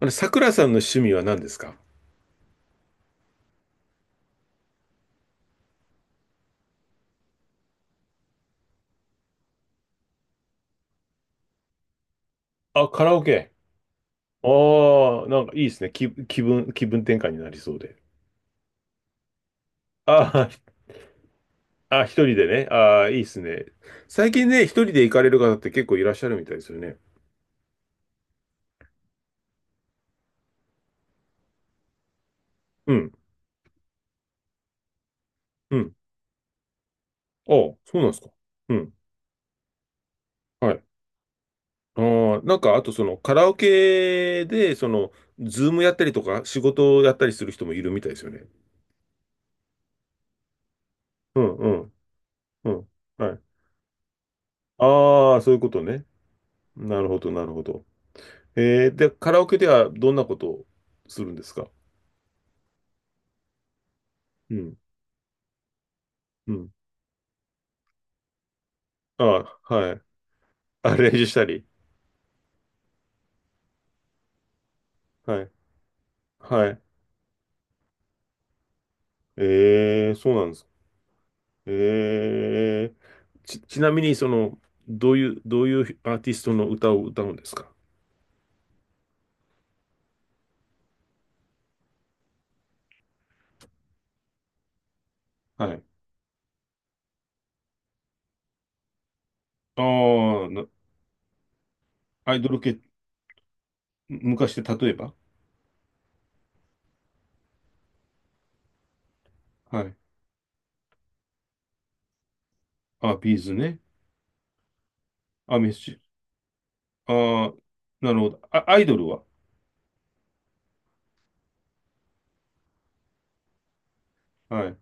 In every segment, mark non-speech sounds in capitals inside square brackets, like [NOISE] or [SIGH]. あれ、桜さんの趣味は何ですか？あ、カラオケ。ああ、なんかいいですね。気分転換になりそうで。ああ、あ、一人でね。ああ、いいですね。最近ね、一人で行かれる方って結構いらっしゃるみたいですよね。うん、うん。ああ、そうなんですか？うん、はい。ああ、なんか、あとそのカラオケで、その、ズームやったりとか、仕事をやったりする人もいるみたいですよね。うん、うん、うん。はい。ああ、そういうことね。なるほど、なるほど。で、カラオケではどんなことをするんですか？うん、うん。あ、はい。あ、練習したり。はい。はい。えー、そうなんです。えー、ちなみに、どういうアーティストの歌を歌うんですか？はい。ああ、アイドル系、昔で例えば？はい。あ、ビーズね。あ、メッシュ。ああ、なるほど。あ、アイドルは？はい。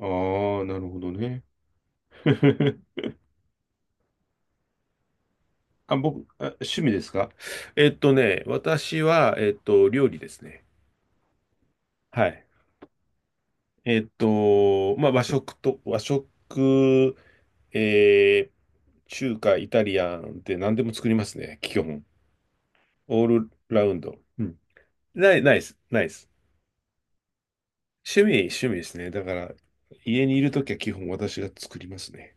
ああ、なるほどね。[LAUGHS] あ、趣味ですか？私は、料理ですね。はい。まあ、和食、えー、中華、イタリアンって何でも作りますね。基本。オールラウンド。うん。ないです。ないです。趣味ですね。だから、家にいるときは基本私が作りますね。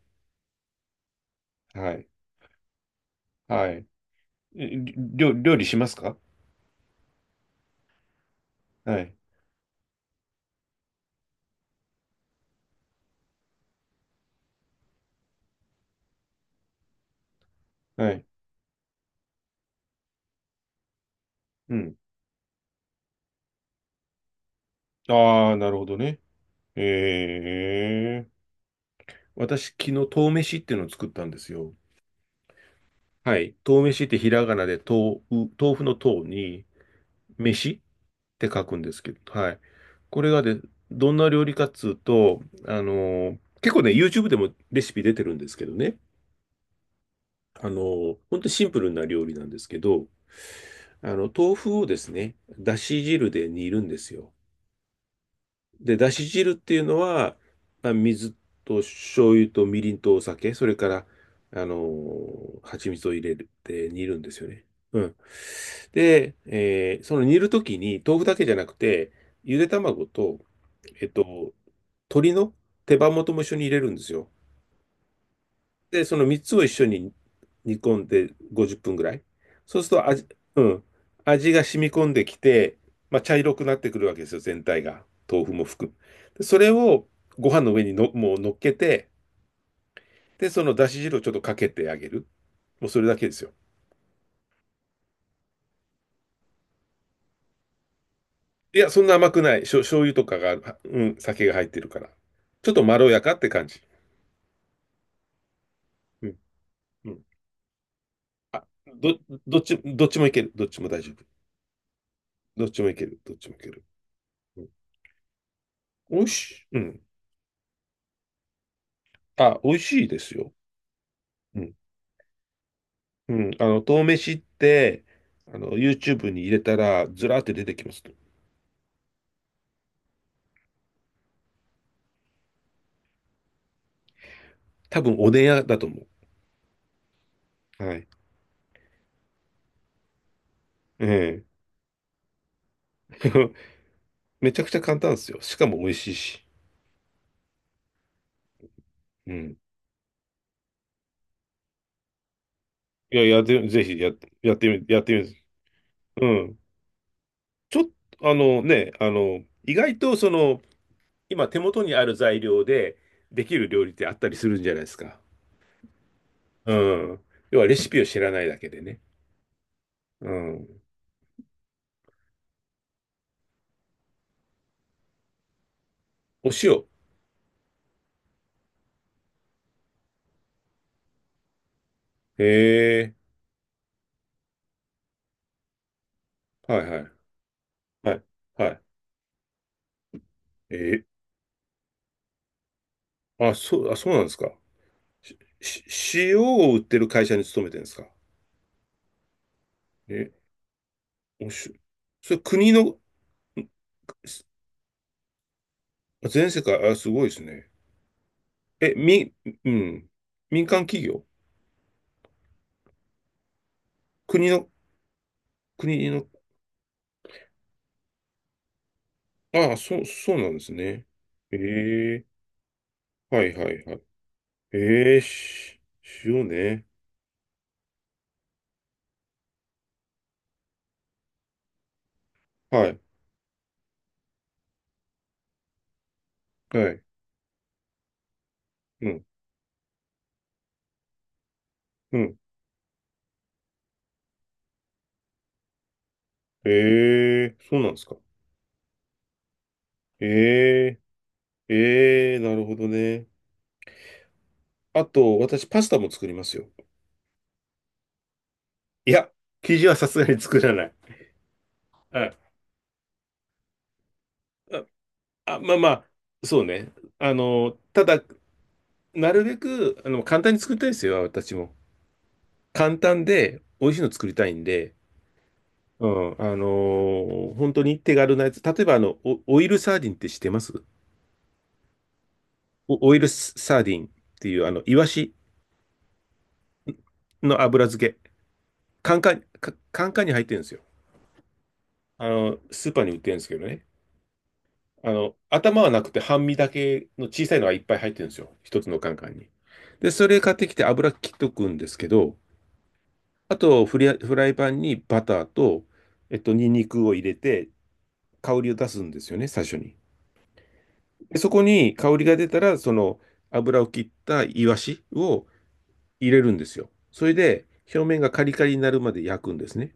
はい。はい。え料理しますか？はい。はい。うん。ああ、なるほどね。ええ私、昨日、豆飯っていうのを作ったんですよ。はい。豆飯ってひらがなで豆腐の豆に、飯って書くんですけど、はい。これがで、どんな料理かっつうと、結構ね、YouTube でもレシピ出てるんですけどね、ほんとシンプルな料理なんですけど、豆腐をですね、だし汁で煮るんですよ。で、だし汁っていうのは、まあ、水と醤油とみりんとお酒、それから、蜂蜜を入れて煮るんですよね。うん。で、その煮るときに、豆腐だけじゃなくて、ゆで卵と、えっと、鶏の手羽元も一緒に入れるんですよ。で、その3つを一緒に煮込んで50分ぐらい。そうするとうん、味が染み込んできて、まあ、茶色くなってくるわけですよ、全体が。豆腐も含む。でそれをご飯の上にもう乗っけて、で、そのだし汁をちょっとかけてあげる。もうそれだけですよ。いや、そんな甘くない。醤油とかが、はうん、酒が入ってるから。ちょっとまろやかって感じ。うん、うん。ど、どっちもいける。どっちも大丈夫。どっちもいける。どっちもいける。うん、おいしい。うん。あ、美味しいですよ。うん。うん。豆飯って、YouTube に入れたら、ずらーって出てきます。多分、おでん屋だと思う。はい。ええ。[LAUGHS] めちゃくちゃ簡単ですよ。しかも美味しいし。うん。いや、やってぜひやって、やってみる。うん。ちょっと、意外と、今手元にある材料でできる料理ってあったりするんじゃないですか？うん。要はレシピを知らないだけでね。うん。お塩。へえ。はいはい。はい。はい。ー、あ、そうなんですか？し、し塩を売ってる会社に勤めてるんですか？え、おし、それ国の、す全世界、あ、すごいですね。え、み、うん。民間企業国の、国の、あ、そう、そうなんですね。ええはいはいはい。ええし、塩ね。はい、はい。うん、うん。えそうなんですか？ええなるほどね。あと、私、パスタも作りますよ。いや、生地はさすがに作らない。はい。あ、あまあまあ、そうね。ただ、なるべく、簡単に作りたいですよ、私も。簡単で、美味しいの作りたいんで、うん、本当に手軽なやつ。例えば、オオイルサーディンって知ってますオオイルサーディンっていう、イワシの油漬け。カカンカンに入ってるんですよ。スーパーに売ってるんですけどね。頭はなくて半身だけの小さいのがいっぱい入ってるんですよ。一つのカンカンに。で、それ買ってきて油切っとくんですけど、あとフリア、フライパンにバターと、ニンニクを入れて、香りを出すんですよね、最初に。で、そこに香りが出たら、その油を切ったイワシを入れるんですよ。それで、表面がカリカリになるまで焼くんですね。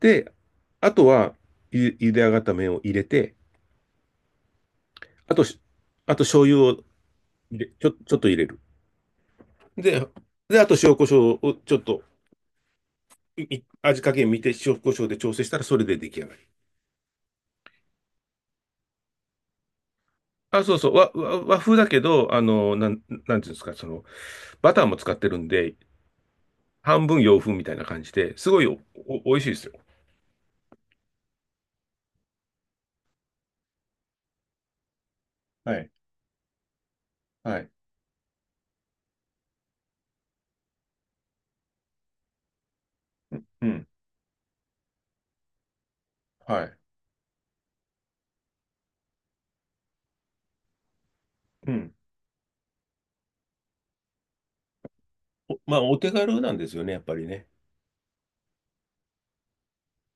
で、あとは、ゆ茹で上がった麺を入れて、あとし、あと醤油を入れちょ、ちょっと入れる。で、あと塩コショウをちょっと、い味加減見て塩コショウで調整したらそれで出来上がり。あ、そうそう、和和風だけど、なんていうんですか、バターも使ってるんで、半分洋風みたいな感じで、すごい美味しいですよ。はい、はい、うん、はい、うん。おまあ、お手軽なんですよね、やっぱりね。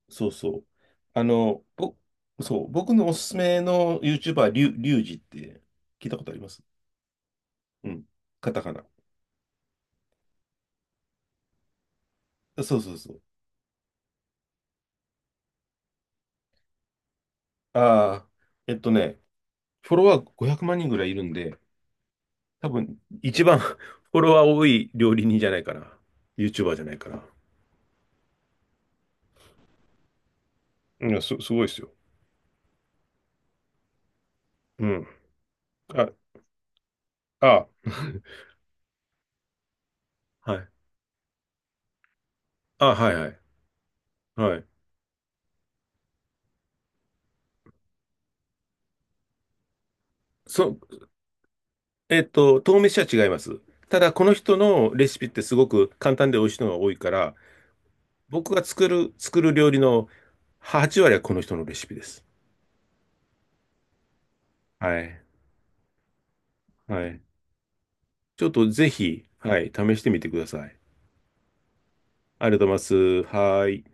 そうそう。あの、ぼ、そう、僕のおすすめの YouTuber、リュウジって聞いたことありますうん。カタカナ。そうそうそう。ああ、えっとね、フォロワー500万人ぐらいいるんで、多分一番 [LAUGHS] フォロワー多い料理人じゃないかな。YouTuber じゃないかな。いや、すごいですよ。うん。あ、あ、はい。あ、はいはい。はい。そ、豆飯は違います。ただ、この人のレシピってすごく簡単で美味しいのが多いから、僕が作る料理の8割はこの人のレシピです。はい。はい。ちょっとぜひ、はい、試してみてください。ありがとうございます。はい。